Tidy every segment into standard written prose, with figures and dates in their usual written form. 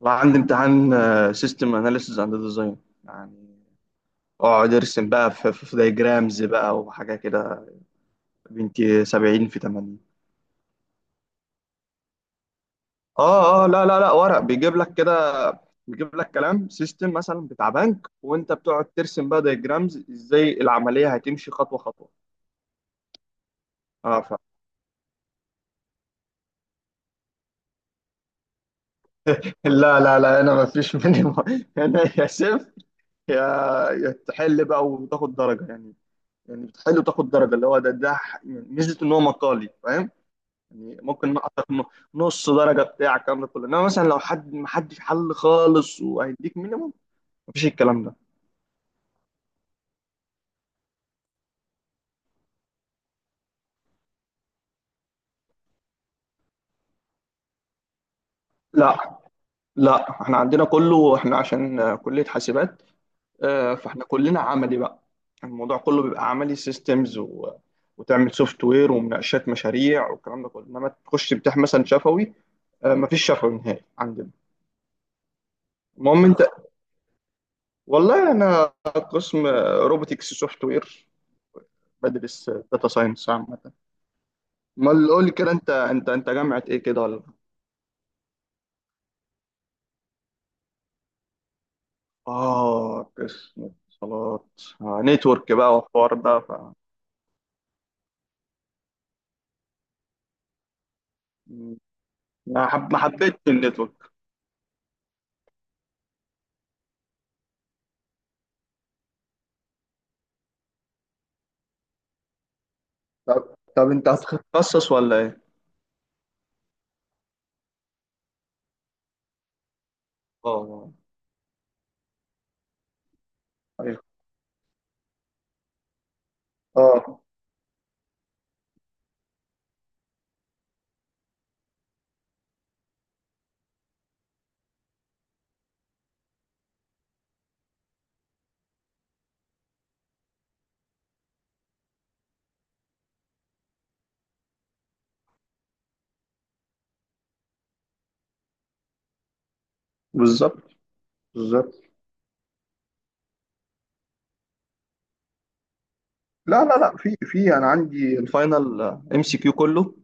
والله عندي امتحان سيستم اناليسز اند ديزاين. يعني اقعد ارسم بقى في دايجرامز بقى وحاجه كده. بنتي 70 في 80. اه اه، لا لا لا، ورق بيجيب لك كده. بيجيب لك كلام سيستم مثلا بتاع بنك، وانت بتقعد ترسم بقى دايجرامز ازاي العمليه هتمشي خطوه خطوه. اه لا لا لا، انا ما فيش مني انا يا صفر، يا يا تحل بقى وتاخد درجه يعني. يعني بتحل وتاخد درجه، اللي هو ده ميزه ان هو مقالي، فاهم. يعني ممكن نقصك نص درجه بتاع الكلام ده كله، انما مثلا لو حد ما حدش حل خالص وهيديك مينيموم، مفيش الكلام ده. لا لا، احنا عندنا كله احنا عشان كليه حاسبات. فاحنا كلنا عملي بقى. الموضوع كله بيبقى عملي سيستمز وتعمل سوفت وير ومناقشات مشاريع والكلام ده كله، انما تخش تمتحن مثلا شفوي. مفيش شفوي نهائي عندنا. المهم انت، والله انا قسم روبوتكس سوفت وير. بدرس داتا ساينس عامه. امال قول لي كده، انت جامعة ايه كده ولا؟ اه، قسم اتصالات. نتورك بقى والحوار ده ف. م، ما حبيتش النتورك. طب انت هتتخصص ولا ايه؟ اه، ايوه، اه، بالظبط، بالظبط. لا لا لا، في انا عندي الفاينل، ام سي كيو كله.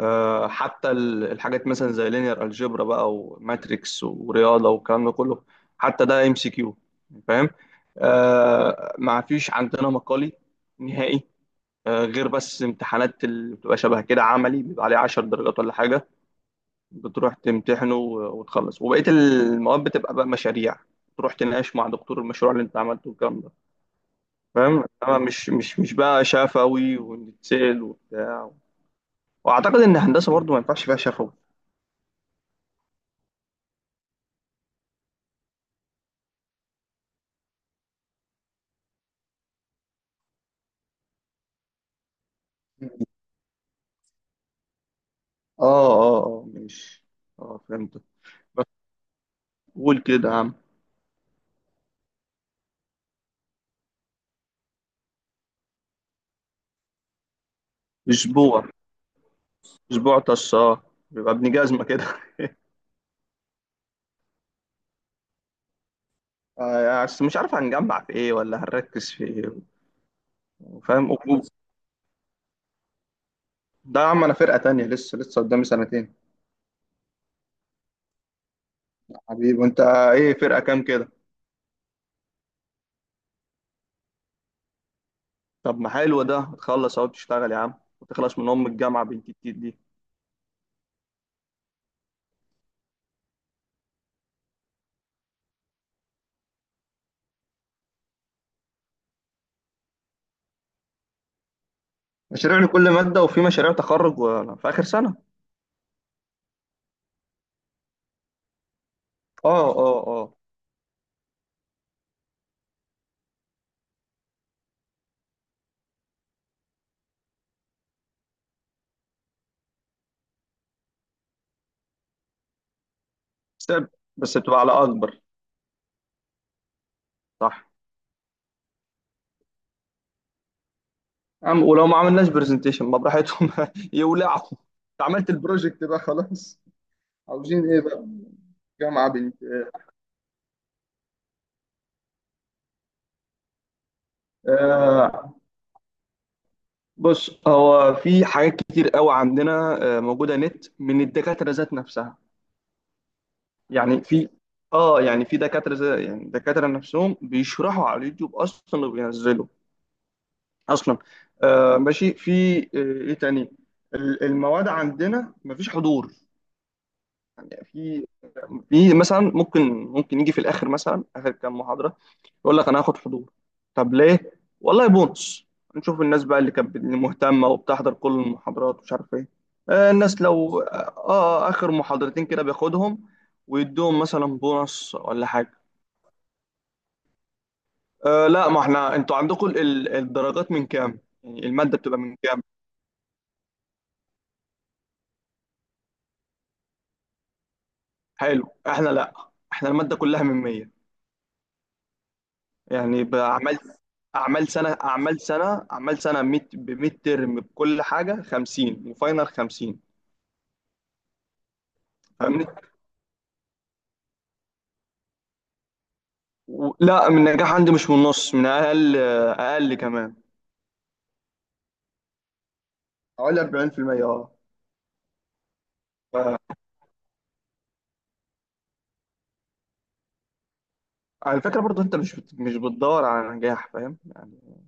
حتى الحاجات مثلا زي لينير الجبرا بقى وماتريكس ورياضه والكلام ده كله، حتى ده ام سي كيو. فاهم. ما فيش عندنا مقالي نهائي. غير بس امتحانات اللي بتبقى شبه كده عملي بيبقى عليه 10 درجات ولا حاجه. بتروح تمتحنه وتخلص، وبقيه المواد بتبقى بقى مشاريع. تروح تناقش مع دكتور المشروع اللي انت عملته والكلام ده. فاهم، انما مش بقى شفوي ونتسال وبتاع. واعتقد ان الهندسه برضو ما ينفعش فيها شفوي. اه اه اه، ماشي. اه، فهمتك. بس قول كده يا عم. اسبوع، اسبوع طش، اه. يبقى ابن جزمه كده بس مش عارف هنجمع في ايه ولا هنركز في ايه. فاهم ده يا عم، انا فرقه تانية، لسه لسه قدامي سنتين. حبيبي، وانت ايه فرقه كام كده؟ طب ما حلو، ده تخلص اهو تشتغل يا عم، وتخلص من ام الجامعه بنت التيت دي. مشاريع لكل ماده، وفي مشاريع تخرج في اخر سنه. اه اه اه. بس بس بتبقى على اكبر. صح، يا عم. ولو ما عملناش برزنتيشن ما براحتهم يولعوا، انت عملت البروجكت بقى خلاص. عاوزين ايه بقى؟ جامعة بنت. آه، بص، هو في حاجات كتير قوي عندنا موجودة نت من الدكاترة ذات نفسها. يعني في، دكاترة، زي يعني دكاترة نفسهم بيشرحوا على اليوتيوب اصلا، وبينزلوا اصلا. آه ماشي. في ايه تاني؟ المواد عندنا مفيش حضور. يعني في مثلا، ممكن يجي في الاخر مثلا اخر كام محاضره، يقول لك انا هاخد حضور. طب ليه؟ والله بونص، نشوف الناس بقى اللي كانت اللي مهتمه وبتحضر كل المحاضرات ومش عارف ايه. الناس لو اخر محاضرتين كده بياخدهم ويدوهم مثلا بونص ولا حاجه. آه لا، ما احنا، انتوا عندكم الدرجات من كام؟ يعني الماده بتبقى من كام؟ حلو. احنا لا، احنا الماده كلها من 100. يعني بقى عملت اعمال سنه، ميت بميد ترم بكل حاجه 50 وفاينل 50. فاهمني لا، من النجاح عندي مش من النص، من اقل اقل كمان. حوالي 40% اه. ف- على فكره برضو، انت مش مش بتدور على نجاح، فاهم يعني.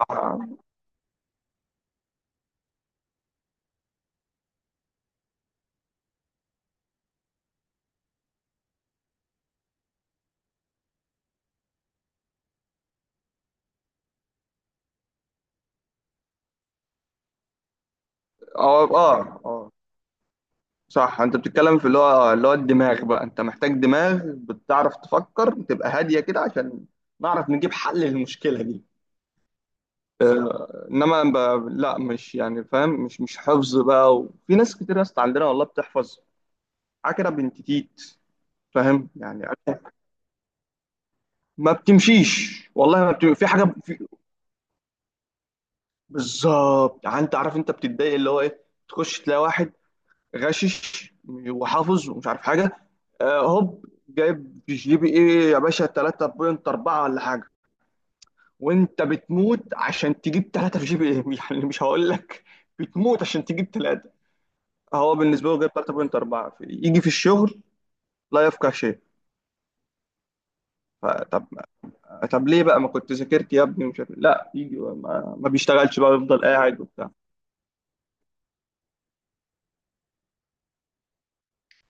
اه اه اه، آه، صح. انت بتتكلم في اللي هو الدماغ بقى، انت محتاج دماغ بتعرف تفكر، تبقى هاديه كده عشان نعرف نجيب حل للمشكله دي. انما لا مش، يعني فاهم، مش حفظ بقى. وفي ناس كتير يا اسطى عندنا والله بتحفظ عكرة بنت تيت. فاهم يعني، ما بتمشيش والله ما بتمشيش. في حاجه بالظبط، يعني انت عارف انت بتتضايق اللي هو ايه. تخش تلاقي واحد غشش وحافظ ومش عارف حاجه، هوب جايب جي بي ايه يا باشا 3.4 ولا حاجه، وانت بتموت عشان تجيب 3 في جي بي ايه يعني مش هقول لك. بتموت عشان تجيب ثلاثة، هو بالنسبه له جايب 3.4، في- يجي في الشغل لا يفقه شيء. فطب، طب ليه بقى ما كنت ذاكرت يا ابني ومش عارف إيه؟ لا يجي ما بيشتغلش بقى، يفضل قاعد وبتاع.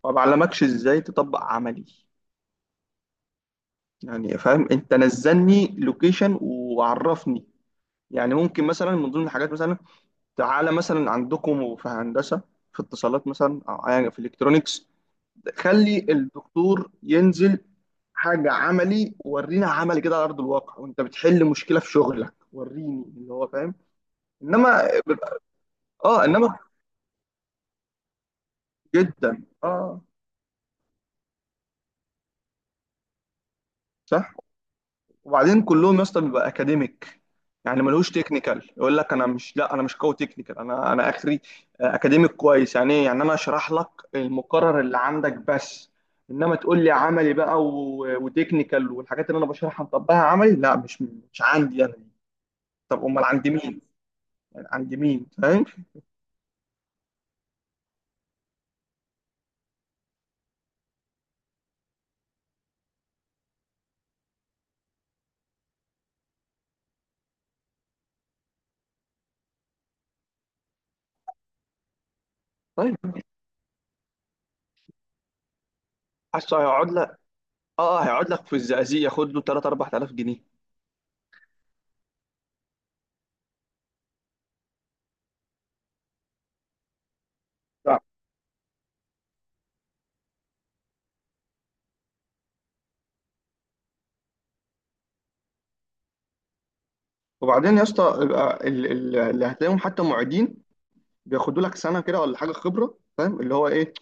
ما بعلمكش ازاي تطبق عملي يعني، فاهم. انت نزلني لوكيشن وعرفني. يعني ممكن مثلا من ضمن الحاجات مثلا، تعالى مثلا عندكم في هندسه، في اتصالات مثلا او في الكترونكس، خلي الدكتور ينزل حاجة عملي، ورينا عملي كده على أرض الواقع، وأنت بتحل مشكلة في شغلك وريني اللي هو فاهم. إنما بيبقى- إنما، جدا، آه صح. وبعدين كلهم يا اسطى بيبقى أكاديميك، يعني ملوش تكنيكال. يقول لك أنا مش لا، أنا مش قوي تكنيكال، أنا آخري أكاديميك. كويس، يعني إيه يعني، أنا أشرح لك المقرر اللي عندك بس، إنما تقول لي عملي بقى وتكنيكال، والحاجات اللي أنا بشرحها نطبقها عملي، لا، مش عندي أنا. طب امال عند مين؟ عند مين، فاهم. طيب. حاسه هيقعد لك، اه هيقعد لك في الزقازيق ياخد له 3 4000 جنيه. صح. وبعدين يا اسطى، يبقى اللي هتلاقيهم حتى معيدين بياخدوا لك سنه كده ولا حاجه خبره. فاهم اللي هو ايه،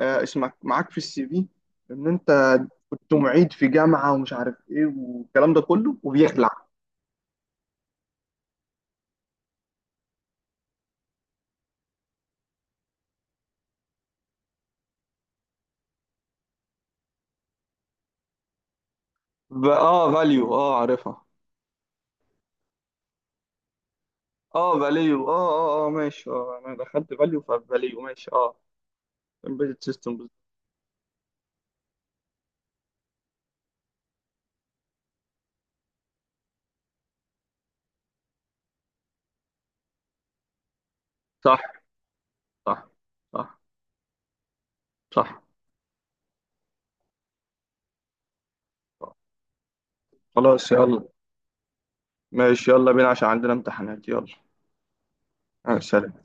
آه اسمك معاك في السي في ان انت كنت معيد في جامعه ومش عارف ايه والكلام ده كله، وبيخلع. اه، فاليو، اه عارفها. اه، فاليو، اه اه اه، ماشي. اه، انا دخلت فاليو، ففاليو ماشي، اه، امبيدد سيستم. صح، صح، صح، صح. خلاص، يلا. ماشي، يلا بينا عشان عندنا امتحانات، يلا. آه، سلام.